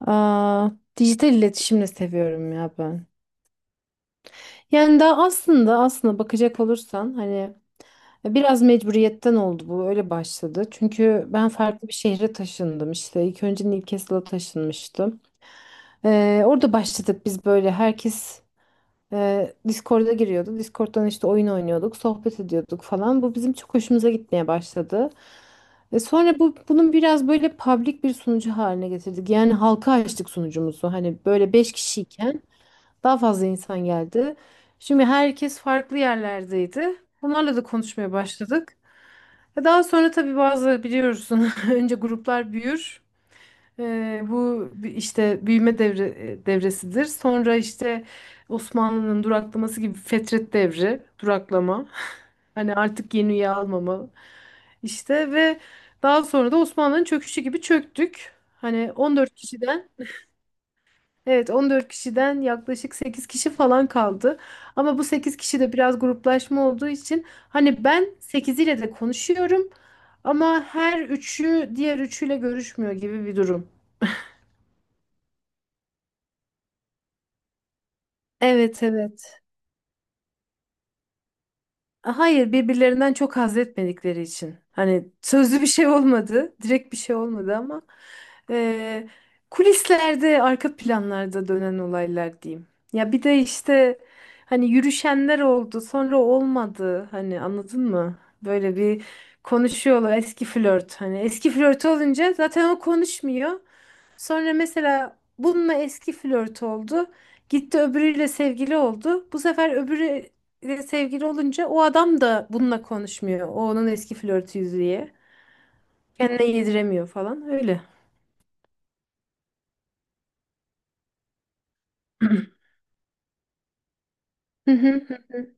Aa, dijital iletişimle seviyorum ya ben. Yani daha aslında bakacak olursan hani biraz mecburiyetten oldu, bu öyle başladı. Çünkü ben farklı bir şehre taşındım işte. İlk önce Newcastle'a taşınmıştım. Orada başladık biz böyle herkes Discord'a giriyordu. Discord'dan işte oyun oynuyorduk, sohbet ediyorduk falan. Bu bizim çok hoşumuza gitmeye başladı. Sonra bunun biraz böyle public bir sunucu haline getirdik. Yani halka açtık sunucumuzu. Hani böyle 5 kişiyken daha fazla insan geldi. Şimdi herkes farklı yerlerdeydi. Onlarla da konuşmaya başladık. Daha sonra tabii bazı biliyorsun önce gruplar büyür. Bu işte büyüme devresidir. Sonra işte Osmanlı'nın duraklaması gibi fetret devri, duraklama. Hani artık yeni üye almama. İşte ve daha sonra da Osmanlı'nın çöküşü gibi çöktük. Hani 14 kişiden. Evet, 14 kişiden yaklaşık 8 kişi falan kaldı. Ama bu 8 kişi de biraz gruplaşma olduğu için hani ben 8 ile de konuşuyorum ama her üçü diğer üçüyle görüşmüyor gibi bir durum. Evet, evet. Hayır, birbirlerinden çok haz etmedikleri için. Hani sözlü bir şey olmadı, direkt bir şey olmadı ama eee, kulislerde, arka planlarda dönen olaylar diyeyim. Ya bir de işte hani yürüşenler oldu, sonra olmadı. Hani anladın mı? Böyle bir konuşuyorlar eski flört. Hani eski flört olunca zaten o konuşmuyor. Sonra mesela bununla eski flört oldu. Gitti öbürüyle sevgili oldu. Bu sefer öbürüyle sevgili olunca o adam da bununla konuşmuyor. O onun eski flörtü diye, kendine yediremiyor falan öyle. Hı hı, hı hı.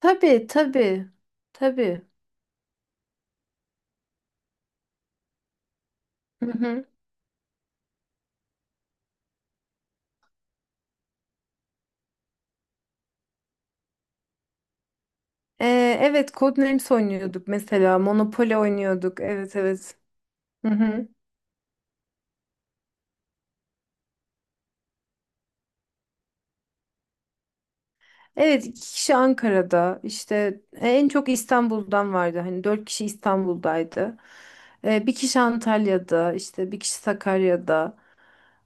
Tabii, tabii. Tabii. Hı hı. Evet, Codenames oynuyorduk mesela. Monopoly oynuyorduk. Evet, evet. Hı hı. Evet, iki kişi Ankara'da. İşte e, en çok İstanbul'dan vardı. Hani dört kişi İstanbul'daydı. Bir kişi Antalya'da, işte bir kişi Sakarya'da.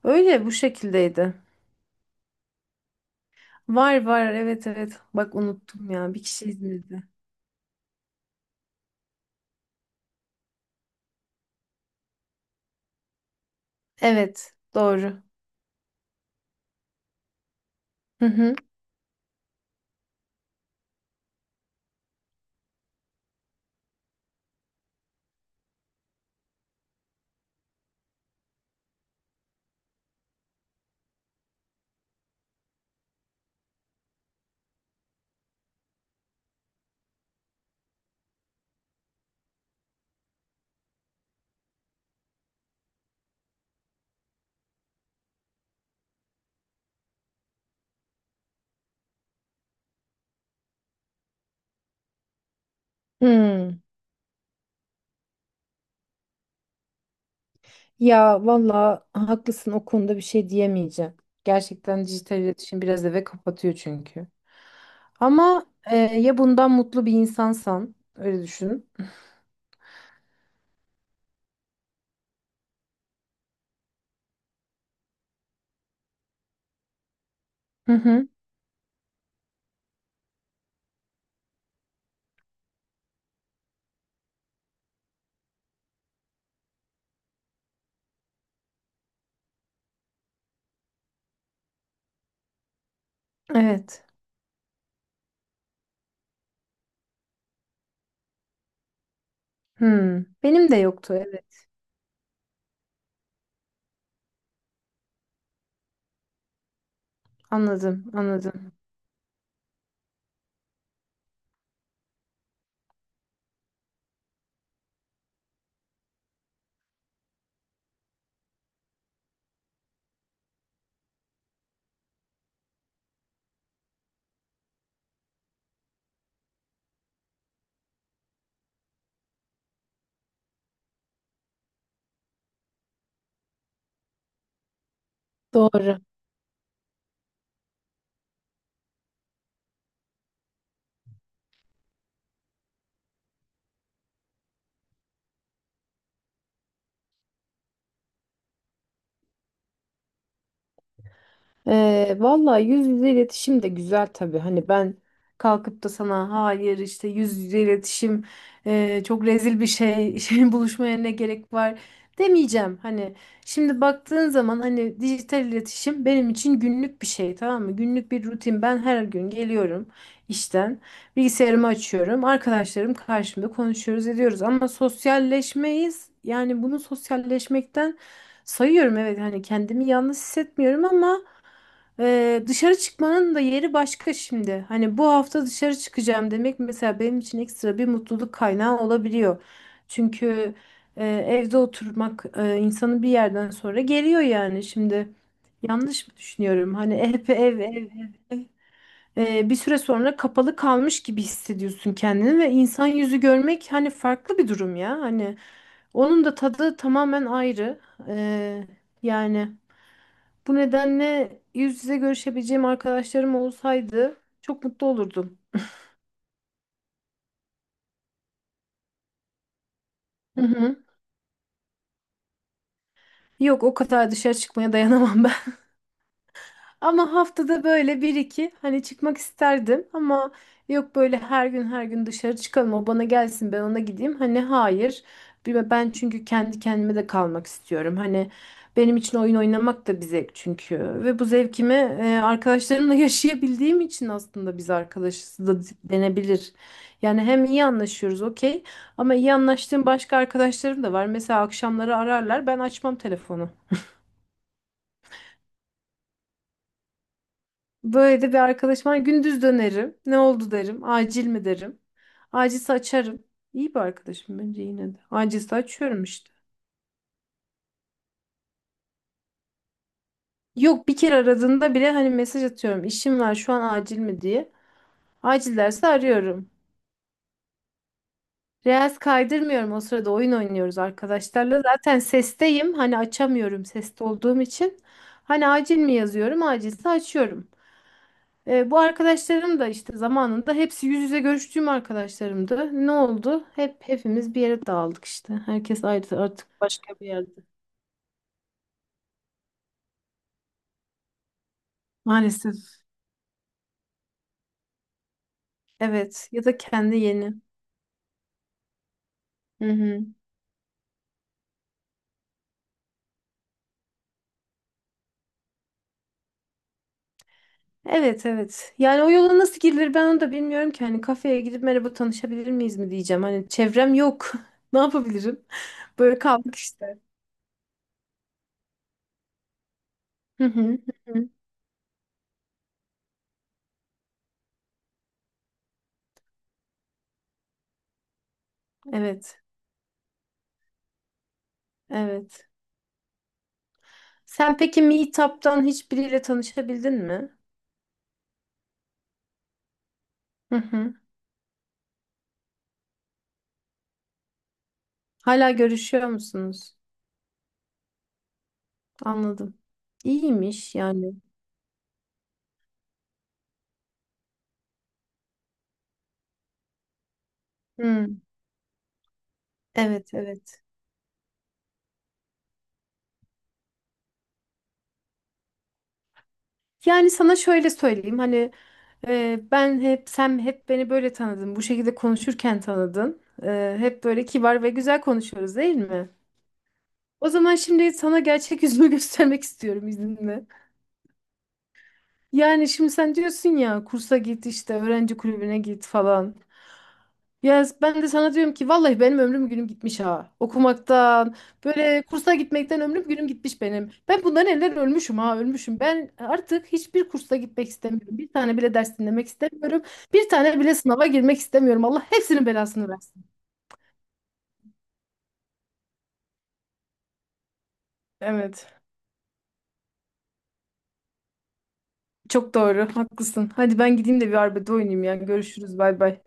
Öyle bu şekildeydi. Var, var, evet, evet. Bak unuttum ya. Bir kişi İzmir'de. Evet, doğru. Hı hı. Hmm. Ya valla haklısın, o konuda bir şey diyemeyeceğim. Gerçekten dijital iletişim biraz eve kapatıyor çünkü. Ama ya bundan mutlu bir insansan, öyle düşün. Hı hı. Evet. Hmm. Benim de yoktu. Evet. Anladım, anladım. Doğru. Vallahi yüz yüze iletişim de güzel tabii. Hani ben kalkıp da sana hayır işte yüz yüze iletişim çok rezil bir şey, şey buluşmaya ne gerek var demeyeceğim. Hani şimdi baktığın zaman hani dijital iletişim benim için günlük bir şey, tamam mı? Günlük bir rutin. Ben her gün geliyorum işten, bilgisayarımı açıyorum. Arkadaşlarım karşımda, konuşuyoruz ediyoruz ama sosyalleşmeyiz. Yani bunu sosyalleşmekten sayıyorum, evet, hani kendimi yalnız hissetmiyorum ama dışarı çıkmanın da yeri başka şimdi. Hani bu hafta dışarı çıkacağım demek mesela benim için ekstra bir mutluluk kaynağı olabiliyor. Çünkü evde oturmak insanı bir yerden sonra geriyor yani. Şimdi yanlış mı düşünüyorum? Hani hep ev ev ev ev. Bir süre sonra kapalı kalmış gibi hissediyorsun kendini ve insan yüzü görmek hani farklı bir durum ya. Hani onun da tadı tamamen ayrı. Ee, yani. Bu nedenle yüz yüze görüşebileceğim arkadaşlarım olsaydı çok mutlu olurdum. Hı hı. Yok, o kadar dışarı çıkmaya dayanamam. Ama haftada böyle bir iki hani çıkmak isterdim ama yok, böyle her gün her gün dışarı çıkalım, o bana gelsin ben ona gideyim. Hani hayır. Ben çünkü kendi kendime de kalmak istiyorum. Hani benim için oyun oynamak da bir zevk çünkü ve bu zevkimi arkadaşlarımla yaşayabildiğim için aslında biz arkadaşız da denebilir. Yani hem iyi anlaşıyoruz, okey, ama iyi anlaştığım başka arkadaşlarım da var. Mesela akşamları ararlar, ben açmam telefonu. Böyle de bir arkadaşım var. Gündüz dönerim. Ne oldu derim. Acil mi derim. Acilse açarım. İyi bir arkadaşım bence yine de. Acilse açıyorum işte. Yok, bir kere aradığında bile hani mesaj atıyorum. İşim var şu an, acil mi diye. Acil derse arıyorum. Reels kaydırmıyorum, o sırada oyun oynuyoruz arkadaşlarla. Zaten sesteyim. Hani açamıyorum seste olduğum için. Hani acil mi yazıyorum. Acilse açıyorum. Bu arkadaşlarım da işte zamanında hepsi yüz yüze görüştüğüm arkadaşlarımdı. Ne oldu? Hepimiz bir yere dağıldık işte. Herkes ayrı artık başka bir yerde. Maalesef. Evet. Ya da kendi yeni. Hı hı. Evet, evet. Yani o yola nasıl girilir ben onu da bilmiyorum ki. Hani kafeye gidip merhaba tanışabilir miyiz mi diyeceğim. Hani çevrem yok. Ne yapabilirim? Böyle kaldık işte. Hı hı. Hı hı. Evet. Evet. Sen peki Meetup'tan hiçbiriyle tanışabildin mi? Hı hı. Hala görüşüyor musunuz? Anladım. İyiymiş yani. Hmm, evet, evet. Yani sana şöyle söyleyeyim hani ben hep sen hep beni böyle tanıdın, bu şekilde konuşurken tanıdın. Hep böyle kibar ve güzel konuşuyoruz değil mi? O zaman şimdi sana gerçek yüzümü göstermek istiyorum izninle. Yani şimdi sen diyorsun ya kursa git işte öğrenci kulübüne git falan. Ya ben de sana diyorum ki vallahi benim ömrüm günüm gitmiş ha. Okumaktan, böyle kursa gitmekten ömrüm günüm gitmiş benim. Ben bundan eller ölmüşüm ha, ölmüşüm. Ben artık hiçbir kursa gitmek istemiyorum. Bir tane bile ders dinlemek istemiyorum. Bir tane bile sınava girmek istemiyorum. Allah hepsinin belasını versin. Evet. Çok doğru, haklısın. Hadi ben gideyim de bir arbede oynayayım ya. Görüşürüz, bay bay.